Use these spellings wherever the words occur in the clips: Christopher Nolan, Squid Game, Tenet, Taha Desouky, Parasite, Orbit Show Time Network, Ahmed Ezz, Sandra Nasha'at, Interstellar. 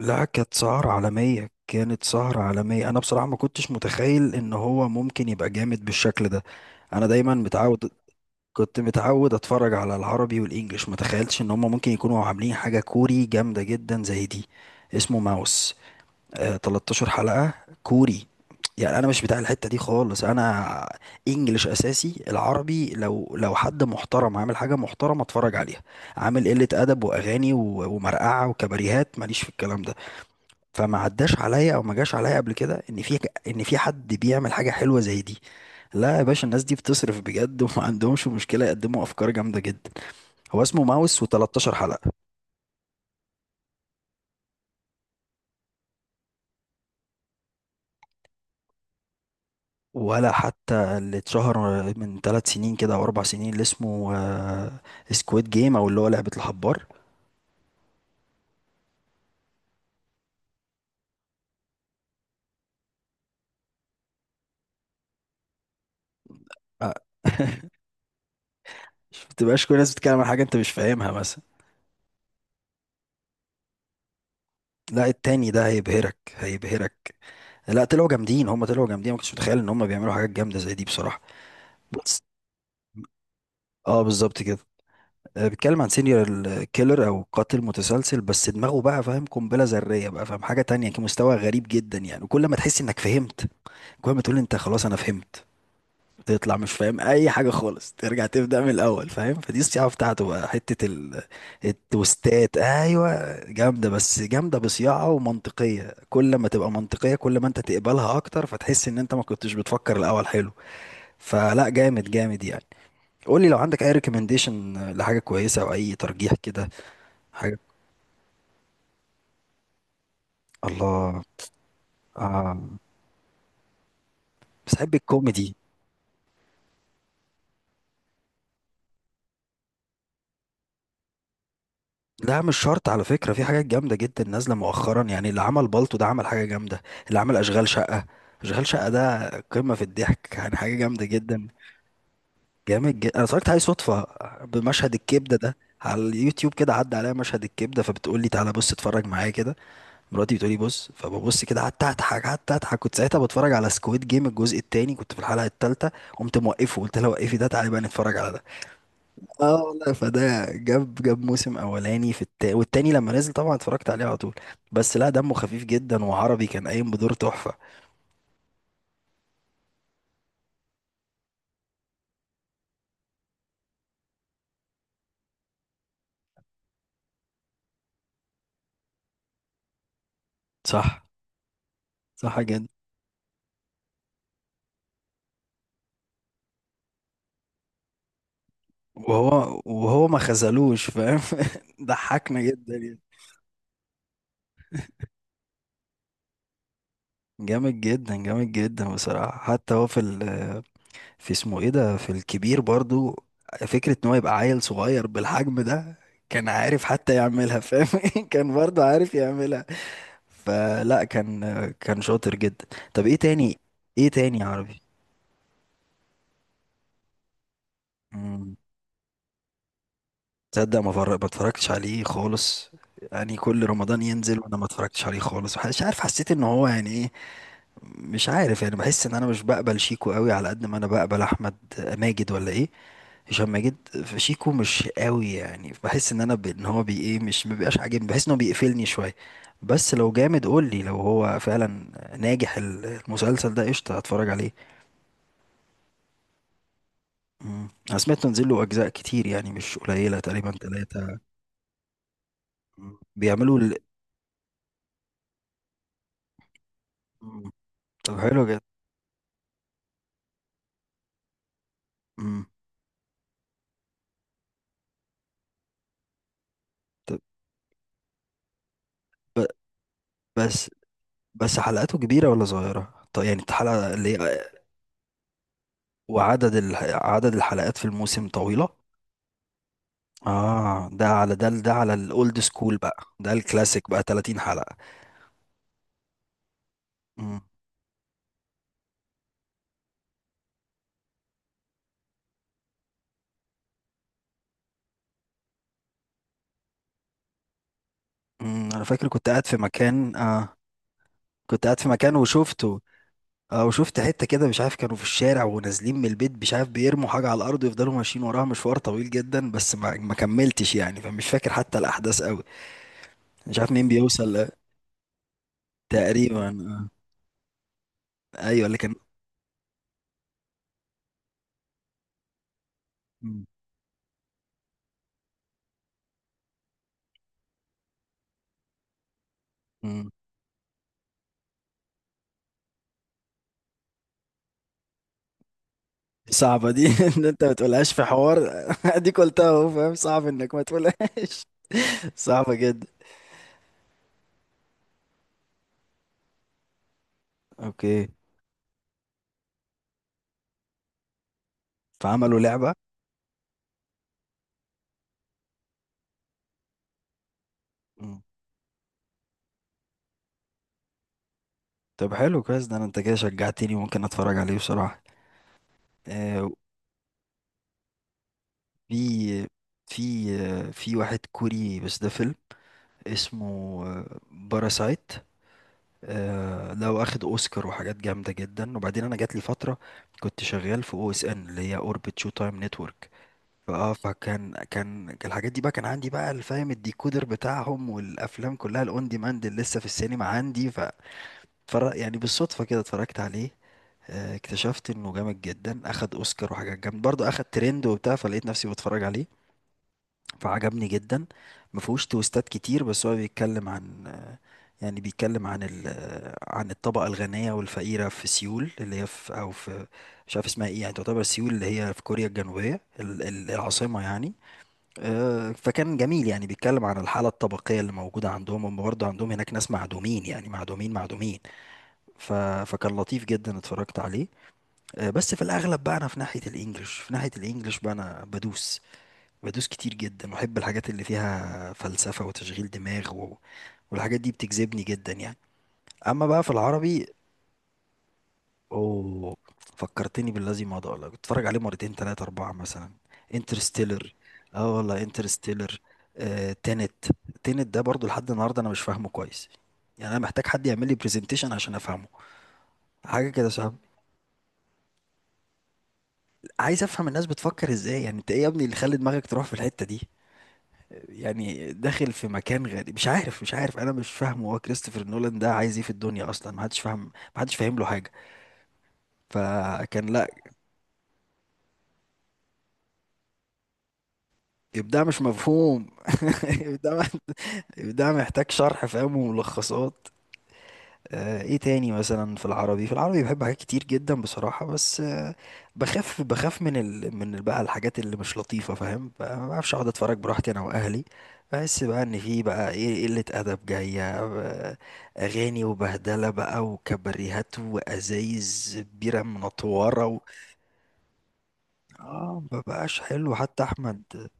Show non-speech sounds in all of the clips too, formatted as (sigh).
لا، كانت سهرة عالمية، كانت سهرة عالمية. أنا بصراحة ما كنتش متخيل إن هو ممكن يبقى جامد بالشكل ده. أنا دايما متعود، كنت متعود أتفرج على العربي والإنجليش. ما تخيلتش إن هما ممكن يكونوا عاملين حاجة كوري جامدة جدا زي دي. اسمه ماوس. آه، 13 حلقة. كوري. يعني أنا مش بتاع الحتة دي خالص. أنا إنجليش أساسي، العربي لو حد محترم عامل حاجة محترمة أتفرج عليها. عامل قلة أدب وأغاني ومرقعة وكباريهات، ماليش في الكلام ده. فما عداش عليا او ما جاش عليا قبل كده ان في حد بيعمل حاجه حلوه زي دي. لا يا باشا، الناس دي بتصرف بجد وما عندهمش مشكله يقدموا افكار جامده جدا. هو اسمه ماوس و13 حلقه. ولا حتى اللي اتشهر من 3 سنين كده او 4 سنين اللي اسمه سكويد جيم او اللي هو لعبه الحبار. آه. (laughs) ما تبقاش كل الناس بتتكلم عن حاجه انت مش فاهمها مثلا. لا، التاني ده هيبهرك هيبهرك. لا، طلعوا جامدين، هم طلعوا جامدين. ما كنتش متخيل ان هم بيعملوا حاجات جامده زي دي بصراحه. بس اه، بالظبط كده. بيتكلم عن سينيور كيلر او قاتل متسلسل، بس دماغه بقى فاهم قنبله ذريه بقى فاهم حاجه تانية. كان مستوى غريب جدا يعني. وكل ما تحس انك فهمت، كل ما تقول انت خلاص انا فهمت، تطلع مش فاهم اي حاجه خالص، ترجع تبدا من الاول فاهم. فدي الصياعه بتاعته. بقى حته التوستات، ايوه جامده، بس جامده بصياعه ومنطقيه. كل ما تبقى منطقيه كل ما انت تقبلها اكتر، فتحس ان انت ما كنتش بتفكر الاول، حلو. فلا، جامد جامد يعني. قول لي لو عندك اي ريكومنديشن لحاجه كويسه او اي ترجيح كده. حاجة. الله. آه. بتحب الكوميدي؟ لا، مش شرط على فكرة، في حاجات جامدة جدا نازلة مؤخرا يعني. اللي عمل بالطو ده عمل حاجة جامدة. اللي عمل أشغال شقة، أشغال شقة ده قمة في الضحك، يعني حاجة جامدة جدا. جامد جدا، أنا اتفرجت عليه صدفة بمشهد الكبدة ده على اليوتيوب كده. عدى عليا مشهد الكبدة فبتقول لي تعالى بص اتفرج معايا كده، مراتي بتقول لي بص، فببص كده، قعدت أضحك قعدت أضحك. كنت ساعتها بتفرج على سكويد جيم الجزء التاني، كنت في الحلقة التالتة، قمت موقفه، قلت لها وقفي ده، تعالي بقى نتفرج على ده. اه والله، فده جاب موسم اولاني والتاني لما نزل طبعا اتفرجت عليه على طول. بس لا، دمه خفيف جدا، وعربي كان قايم بدور تحفة. صح. صح جدا. وهو ما خذلوش فاهم. (laughs) ضحكنا جدا يعني. جامد جدا، جامد جدا بصراحة. حتى هو في اسمه ايه ده، في الكبير برضو، فكرة ان هو يبقى عيل صغير بالحجم ده، كان عارف حتى يعملها فاهم. (laughs) كان برضو عارف يعملها. فلا كان، كان شاطر جدا. طب ايه تاني؟ ايه تاني عربي؟ مم، تصدق ما اتفرجتش عليه خالص. يعني كل رمضان ينزل وانا ما اتفرجتش عليه خالص. مش عارف، حسيت ان هو يعني ايه، مش عارف. يعني بحس ان انا مش بقبل شيكو قوي على قد ما انا بقبل احمد ماجد، ولا ايه؟ هشام ماجد. في شيكو مش قوي يعني، بحس ان انا ان هو بي ايه، مش مبيبقاش عاجبني، بحس ان هو بيقفلني شويه. بس لو جامد قول لي، لو هو فعلا ناجح المسلسل ده، قشطه هتفرج عليه. مم. انا سمعت نزل له اجزاء كتير يعني مش قليله، تقريبا ثلاثه. بيعملوا مم. طب حلو جدا. مم. طب ب... بس بس حلقاته كبيره ولا صغيره؟ طب يعني الحلقه اللي وعدد عدد الحلقات في الموسم طويله. اه، ده على ده، ده على الاولد سكول بقى، ده الكلاسيك بقى، 30 حلقه. مم. مم. انا فاكر كنت قاعد في مكان. آه. كنت قاعد في مكان وشفته. اه، وشفت حتة كده مش عارف، كانوا في الشارع ونازلين من البيت مش عارف، بيرموا حاجة على الأرض ويفضلوا ماشيين وراها مشوار طويل جدا. بس ما، ما كملتش يعني، فمش فاكر حتى الأحداث قوي. مش عارف مين بيوصل. آه، تقريبا. آه. أيوه اللي كان. مم. مم. صعبة دي. (laughs) إن أنت ما تقولهاش في حوار! (laughs) أديك قلتها أهو فاهم، صعب إنك ما تقولهاش. (laughs) صعبة جدا. أوكي. فعملوا لعبة. مم. طب حلو، كويس ده. أنا أنت كده شجعتني، ممكن أتفرج عليه بصراحة. آه. في، في، آه، في واحد كوري بس ده فيلم، اسمه باراسايت. ده واخد اوسكار وحاجات جامده جدا. وبعدين انا جات لي فتره كنت شغال في او اس ان، اللي هي اوربت شو تايم نتورك، فاه، فكان كان كان الحاجات دي بقى، كان عندي بقى الفاهم الديكودر بتاعهم، والافلام كلها الاون ديماند اللي لسه في السينما عندي. ف يعني بالصدفه كده اتفرجت عليه. آه، اكتشفت انه جامد جدا، اخد اوسكار وحاجات جامده برضه، اخد ترند وبتاع، فلقيت نفسي بتفرج عليه فعجبني جدا. ما فيهوش تويستات كتير، بس هو بيتكلم عن، يعني بيتكلم عن عن الطبقة الغنية والفقيرة في سيول، اللي هي في أو في، مش عارف اسمها ايه يعني، تعتبر سيول اللي هي في كوريا الجنوبية العاصمة يعني. آه، فكان جميل يعني، بيتكلم عن الحالة الطبقية اللي موجودة عندهم. هم برضه عندهم هناك ناس معدومين، يعني معدومين معدومين. ف... فكان لطيف جدا، اتفرجت عليه. آه، بس في الأغلب بقى أنا في ناحية الإنجليش، في ناحية الإنجليش بقى أنا بدوس، بدوس كتير جدا، واحب الحاجات اللي فيها فلسفة وتشغيل دماغ والحاجات دي بتجذبني جدا يعني. اما بقى في العربي، اوه، فكرتني بالذي مضى والله، كنت اتفرج عليه مرتين تلاتة اربعة مثلا. انترستيلر، اه والله انترستيلر. آه، تينت، تينت ده برضو لحد النهاردة انا مش فاهمه كويس، يعني انا محتاج حد يعمل لي برزنتيشن عشان افهمه. حاجة كده صعب، عايز افهم الناس بتفكر ازاي. يعني انت ايه يا ابني اللي خلى دماغك تروح في الحتة دي؟ يعني داخل في مكان غريب، مش عارف، مش عارف، انا مش فاهمه. هو كريستوفر نولان ده عايز ايه في الدنيا اصلا؟ ما حدش فاهم، ما حدش فاهم له حاجه. فكان لا، ابداع مش مفهوم. (laughs) ابداع، ابداع محتاج شرح فاهم وملخصات. آه، ايه تاني مثلا؟ في العربي، في العربي بحب حاجات كتير جدا بصراحة، بس آه، بخاف، بخاف من بقى الحاجات اللي مش لطيفة فاهم بقى، ما بعرفش اقعد اتفرج براحتي انا واهلي. بحس بقى ان في بقى ايه، إيه، قلة ادب جاية، آه، اغاني وبهدلة بقى وكباريهات وازايز بيرة منطورة اه، مبقاش حلو حتى احمد.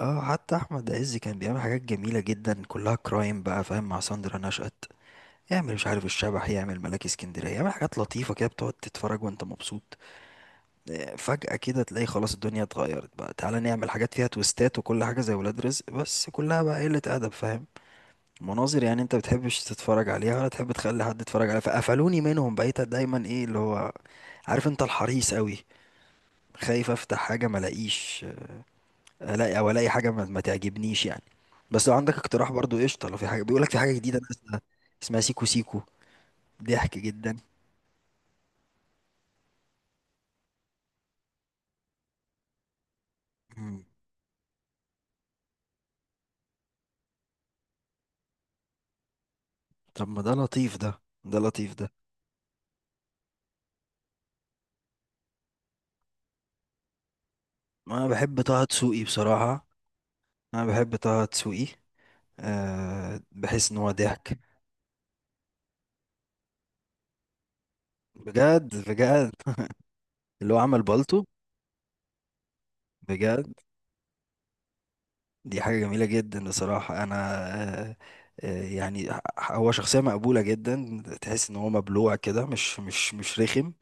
اه، حتى احمد عز كان بيعمل حاجات جميلة جدا كلها كرايم بقى فاهم، مع ساندرا نشأت، يعمل مش عارف الشبح، يعمل ملاك اسكندرية، يعمل حاجات لطيفة كده بتقعد تتفرج وانت مبسوط. آه، فجأة كده تلاقي خلاص الدنيا اتغيرت بقى، تعالى نعمل حاجات فيها تويستات وكل حاجة زي ولاد رزق، بس كلها بقى قلة أدب فاهم. مناظر يعني انت بتحبش تتفرج عليها ولا تحب تخلي حد يتفرج عليها، فقفلوني منهم. بقيت دايما ايه اللي هو، عارف انت، الحريص قوي، خايف افتح حاجة ما الاقيش، الاقي او الاقي حاجة ما تعجبنيش يعني. بس لو عندك اقتراح برضو قشطة، لو في حاجة، بيقولك في حاجة جديدة نازلة اسمها، اسمها سيكو سيكو، ضحك جدا. طب ما ده لطيف، ده ده لطيف ده. ما انا بحب طه دسوقي بصراحة. انا بحب طه دسوقي. أه، بحس ان هو ضحك. بجد بجد. (laughs) اللي هو عمل بالطو. بجد، دي حاجة جميلة جدا بصراحة انا. أه. آه، يعني هو شخصية مقبولة جدا، تحس ان هو مبلوع كده، مش رخم.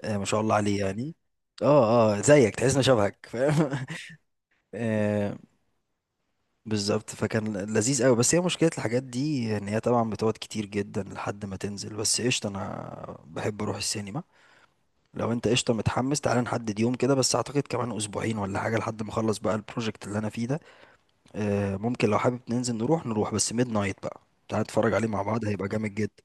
أه، ما شاء الله عليه يعني. اه اه، زيك، تحس انه شبهك فاهم. (laughs) بالظبط. فكان لذيذ قوي. بس هي مشكلة الحاجات دي ان هي طبعا بتقعد كتير جدا لحد ما تنزل. بس قشطة، انا بحب اروح السينما. لو انت قشطة متحمس، تعالى نحدد يوم كده. بس اعتقد كمان اسبوعين ولا حاجة لحد ما اخلص بقى البروجكت اللي انا فيه ده. آه، ممكن لو حابب ننزل، نروح نروح بس ميد نايت بقى، تعالى نتفرج عليه مع بعض، هيبقى جامد جدا.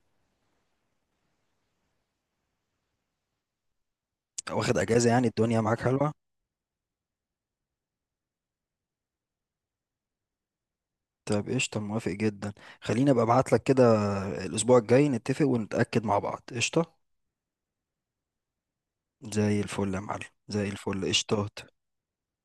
واخد اجازة يعني، الدنيا معاك حلوة. طيب قشطة، موافق جدا. خليني ابقى ابعت لك كده الاسبوع الجاي، نتفق ونتأكد مع بعض قشطة. زي الفل يا معلم، زي الفل قشطات.